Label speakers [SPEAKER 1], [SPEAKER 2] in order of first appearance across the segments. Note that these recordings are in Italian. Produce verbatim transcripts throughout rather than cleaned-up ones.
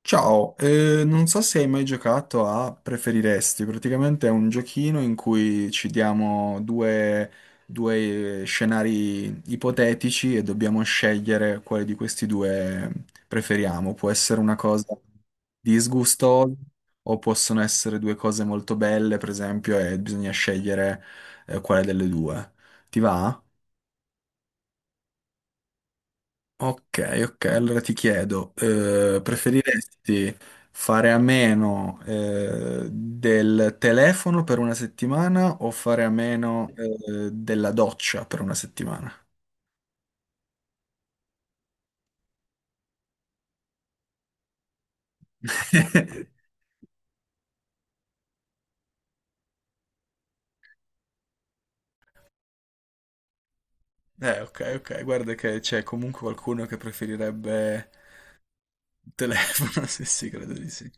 [SPEAKER 1] Ciao, eh, non so se hai mai giocato a Preferiresti. Praticamente è un giochino in cui ci diamo due, due scenari ipotetici e dobbiamo scegliere quale di questi due preferiamo. Può essere una cosa disgustosa, o possono essere due cose molto belle, per esempio, e bisogna scegliere eh, quale delle due. Ti va? Ok, ok, allora ti chiedo, eh, preferiresti fare a meno, eh, del telefono per una settimana, o fare a meno, eh, della doccia per una settimana? Eh, ok, ok, guarda che c'è comunque qualcuno che preferirebbe il telefono, sì, sì, credo di sì.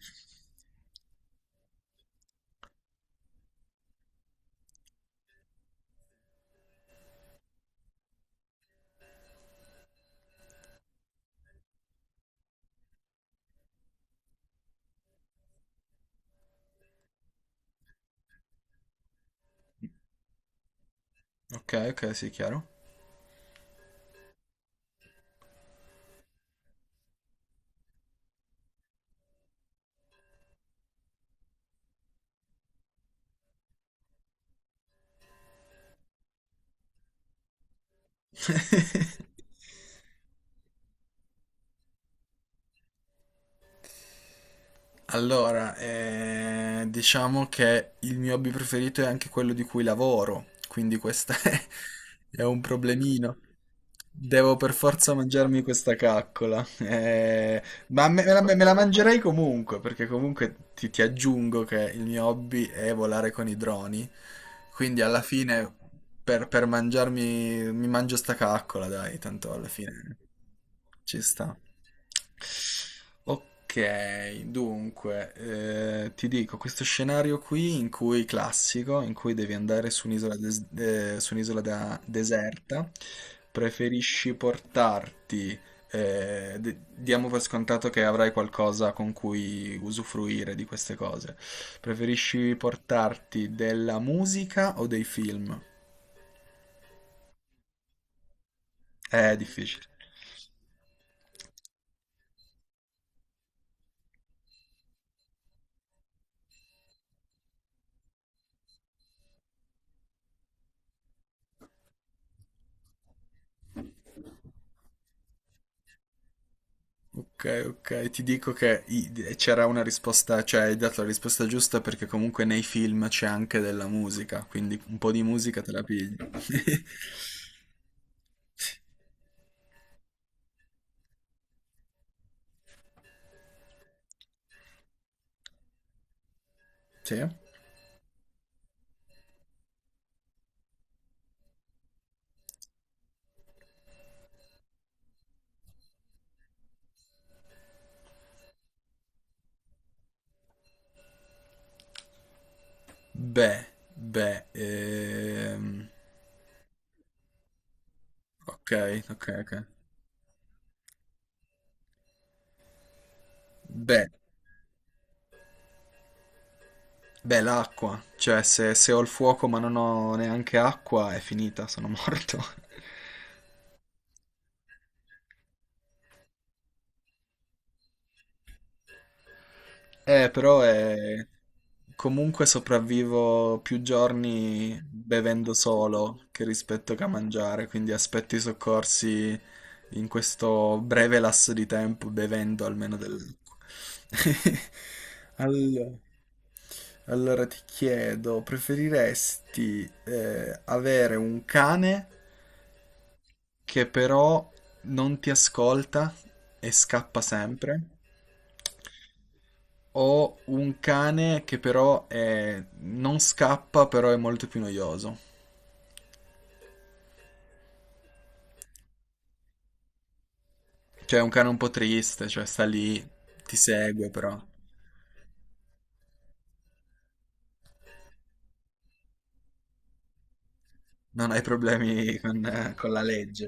[SPEAKER 1] Ok, ok, sì, chiaro. Allora, eh, diciamo che il mio hobby preferito è anche quello di cui lavoro, quindi questo è, è un problemino. Devo per forza mangiarmi questa caccola. Eh, ma me, me la, me la mangerei comunque, perché comunque ti, ti aggiungo che il mio hobby è volare con i droni, quindi alla fine per, per mangiarmi, mi mangio sta caccola, dai, tanto alla fine ci sta. Ok, dunque, eh, ti dico, questo scenario qui in cui classico, in cui devi andare su un'isola des- eh, su un'isola da- deserta. Preferisci portarti, eh, d- diamo per scontato che avrai qualcosa con cui usufruire di queste cose. Preferisci portarti della musica o dei film? È difficile. Ok, ok, ti dico che i- c'era una risposta, cioè hai dato la risposta giusta, perché comunque nei film c'è anche della musica, quindi un po' di musica te la pigli. Sì? Beh, beh, ehm, ok, ok, ok. Beh. Beh, l'acqua, cioè se, se ho il fuoco ma non ho neanche acqua è finita, sono morto. Eh, però è... comunque sopravvivo più giorni bevendo, solo che rispetto che a mangiare, quindi aspetto i soccorsi in questo breve lasso di tempo bevendo almeno dell'acqua. Allora, allora ti chiedo, preferiresti eh, avere un cane che però non ti ascolta e scappa sempre? Ho un cane che però è- non scappa, però è molto più noioso. Cioè, è un cane un po' triste, cioè sta lì, ti segue, però non hai problemi con, eh, con la legge.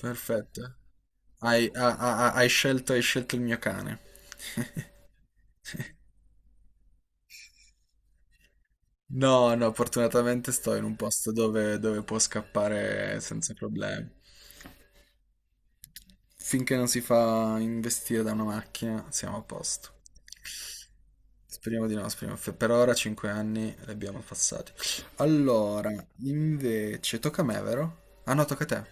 [SPEAKER 1] Perfetto. Hai, ha- ha- ha- hai scelto, hai scelto il mio cane. No, no, fortunatamente sto in un posto dove, dove può scappare senza problemi. Finché non si fa investire da una macchina, siamo a posto. Speriamo di no, speriamo. Fe- Per ora cinque anni li abbiamo passati. Allora, invece, tocca a me, vero? Ah no, tocca a te.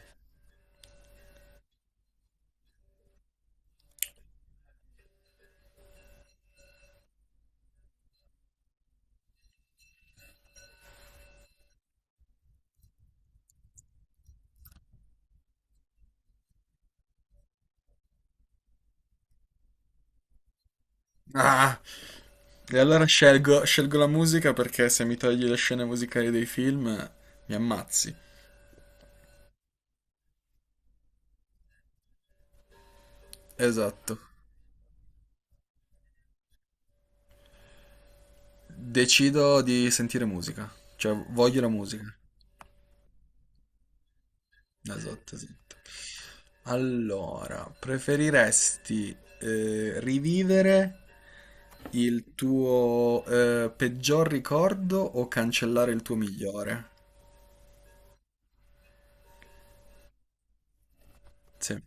[SPEAKER 1] Ah, e allora scelgo, scelgo la musica, perché se mi togli le scene musicali dei film, mi ammazzi. Esatto. Decido di sentire musica, cioè voglio la musica. Esatto, esatto. Allora, preferiresti eh, rivivere il tuo eh, peggior ricordo o cancellare il tuo migliore? Sì.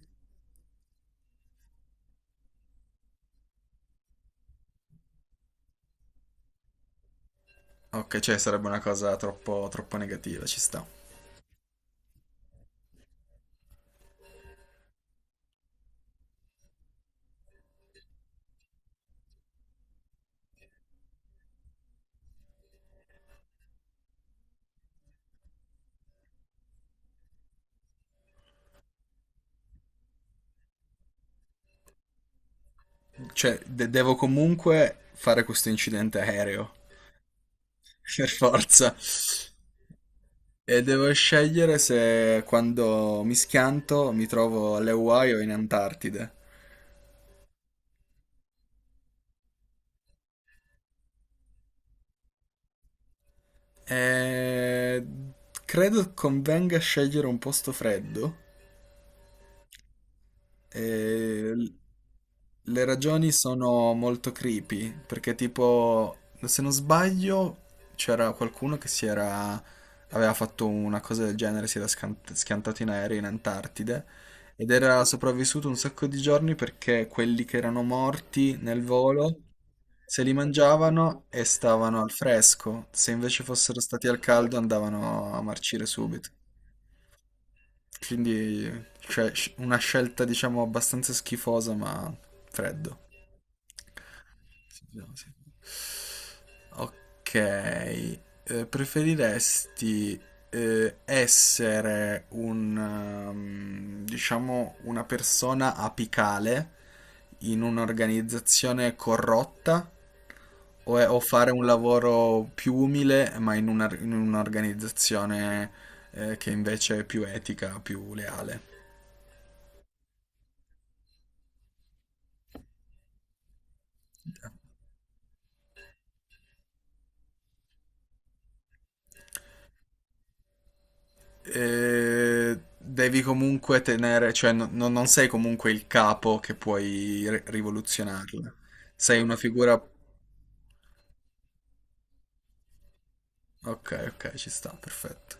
[SPEAKER 1] Ok, cioè sarebbe una cosa troppo, troppo negativa, ci sta. Cioè, de- devo comunque fare questo incidente aereo, per forza. E devo scegliere se, quando mi schianto, mi trovo alle Hawaii o in Antartide. E... credo convenga scegliere un posto freddo. E... l- Le ragioni sono molto creepy, perché tipo, se non sbaglio, c'era qualcuno che si era... aveva fatto una cosa del genere, si era scan- schiantato in aereo in Antartide ed era sopravvissuto un sacco di giorni, perché quelli che erano morti nel volo se li mangiavano e stavano al fresco; se invece fossero stati al caldo andavano a marcire subito. Quindi, cioè, sc- una scelta diciamo abbastanza schifosa, ma freddo. Sentiamo, sentiamo. Ok, eh, preferiresti eh, essere un, ehm, diciamo, una persona apicale in un'organizzazione corrotta, o, o fare un lavoro più umile ma in una- in un'organizzazione eh, che invece è più etica, più leale? Eh, devi comunque tenere, cioè no- no- non sei comunque il capo che puoi ri- rivoluzionarla. Sei una figura... ok, ok, ci sta, perfetto.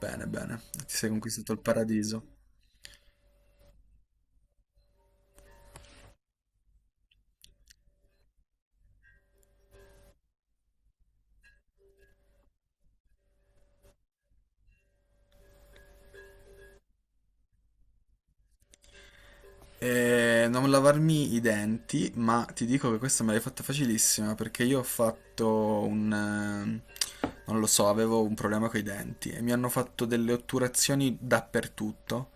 [SPEAKER 1] Bene, bene. Ti sei conquistato il paradiso. Eh, non lavarmi i denti, ma ti dico che questa me l'hai fatta facilissima, perché io ho fatto un... eh, non lo so, avevo un problema con i denti e mi hanno fatto delle otturazioni dappertutto.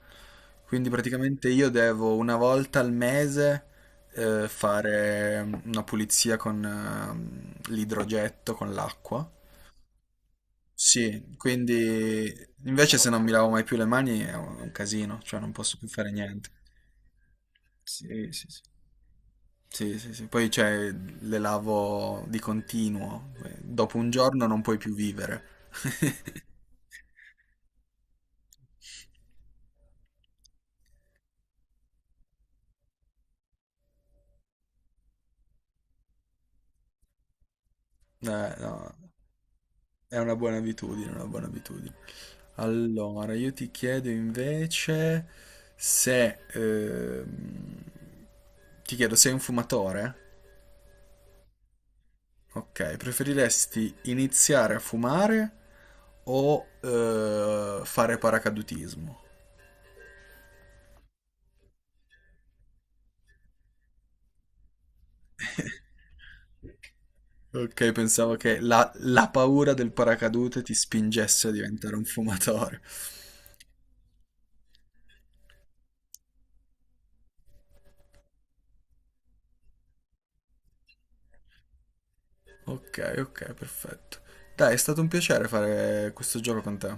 [SPEAKER 1] Quindi praticamente io devo una volta al mese eh, fare una pulizia con ehm, l'idrogetto, con l'acqua. Sì, quindi invece se non mi lavo mai più le mani è un è un casino, cioè non posso più fare niente. Sì, sì, sì. Sì, sì, sì. Poi cioè, le lavo di continuo. Eh, Dopo un giorno non puoi più vivere. Eh, no, è una buona abitudine, una buona abitudine. Allora, io ti chiedo invece se... ehm, ti chiedo, sei un fumatore? Ok, preferiresti iniziare a fumare o eh, fare paracadutismo? Ok, pensavo che la, la paura del paracadute ti spingesse a diventare un fumatore. Ok, ok, perfetto. Dai, è stato un piacere fare questo gioco con te.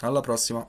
[SPEAKER 1] Alla prossima.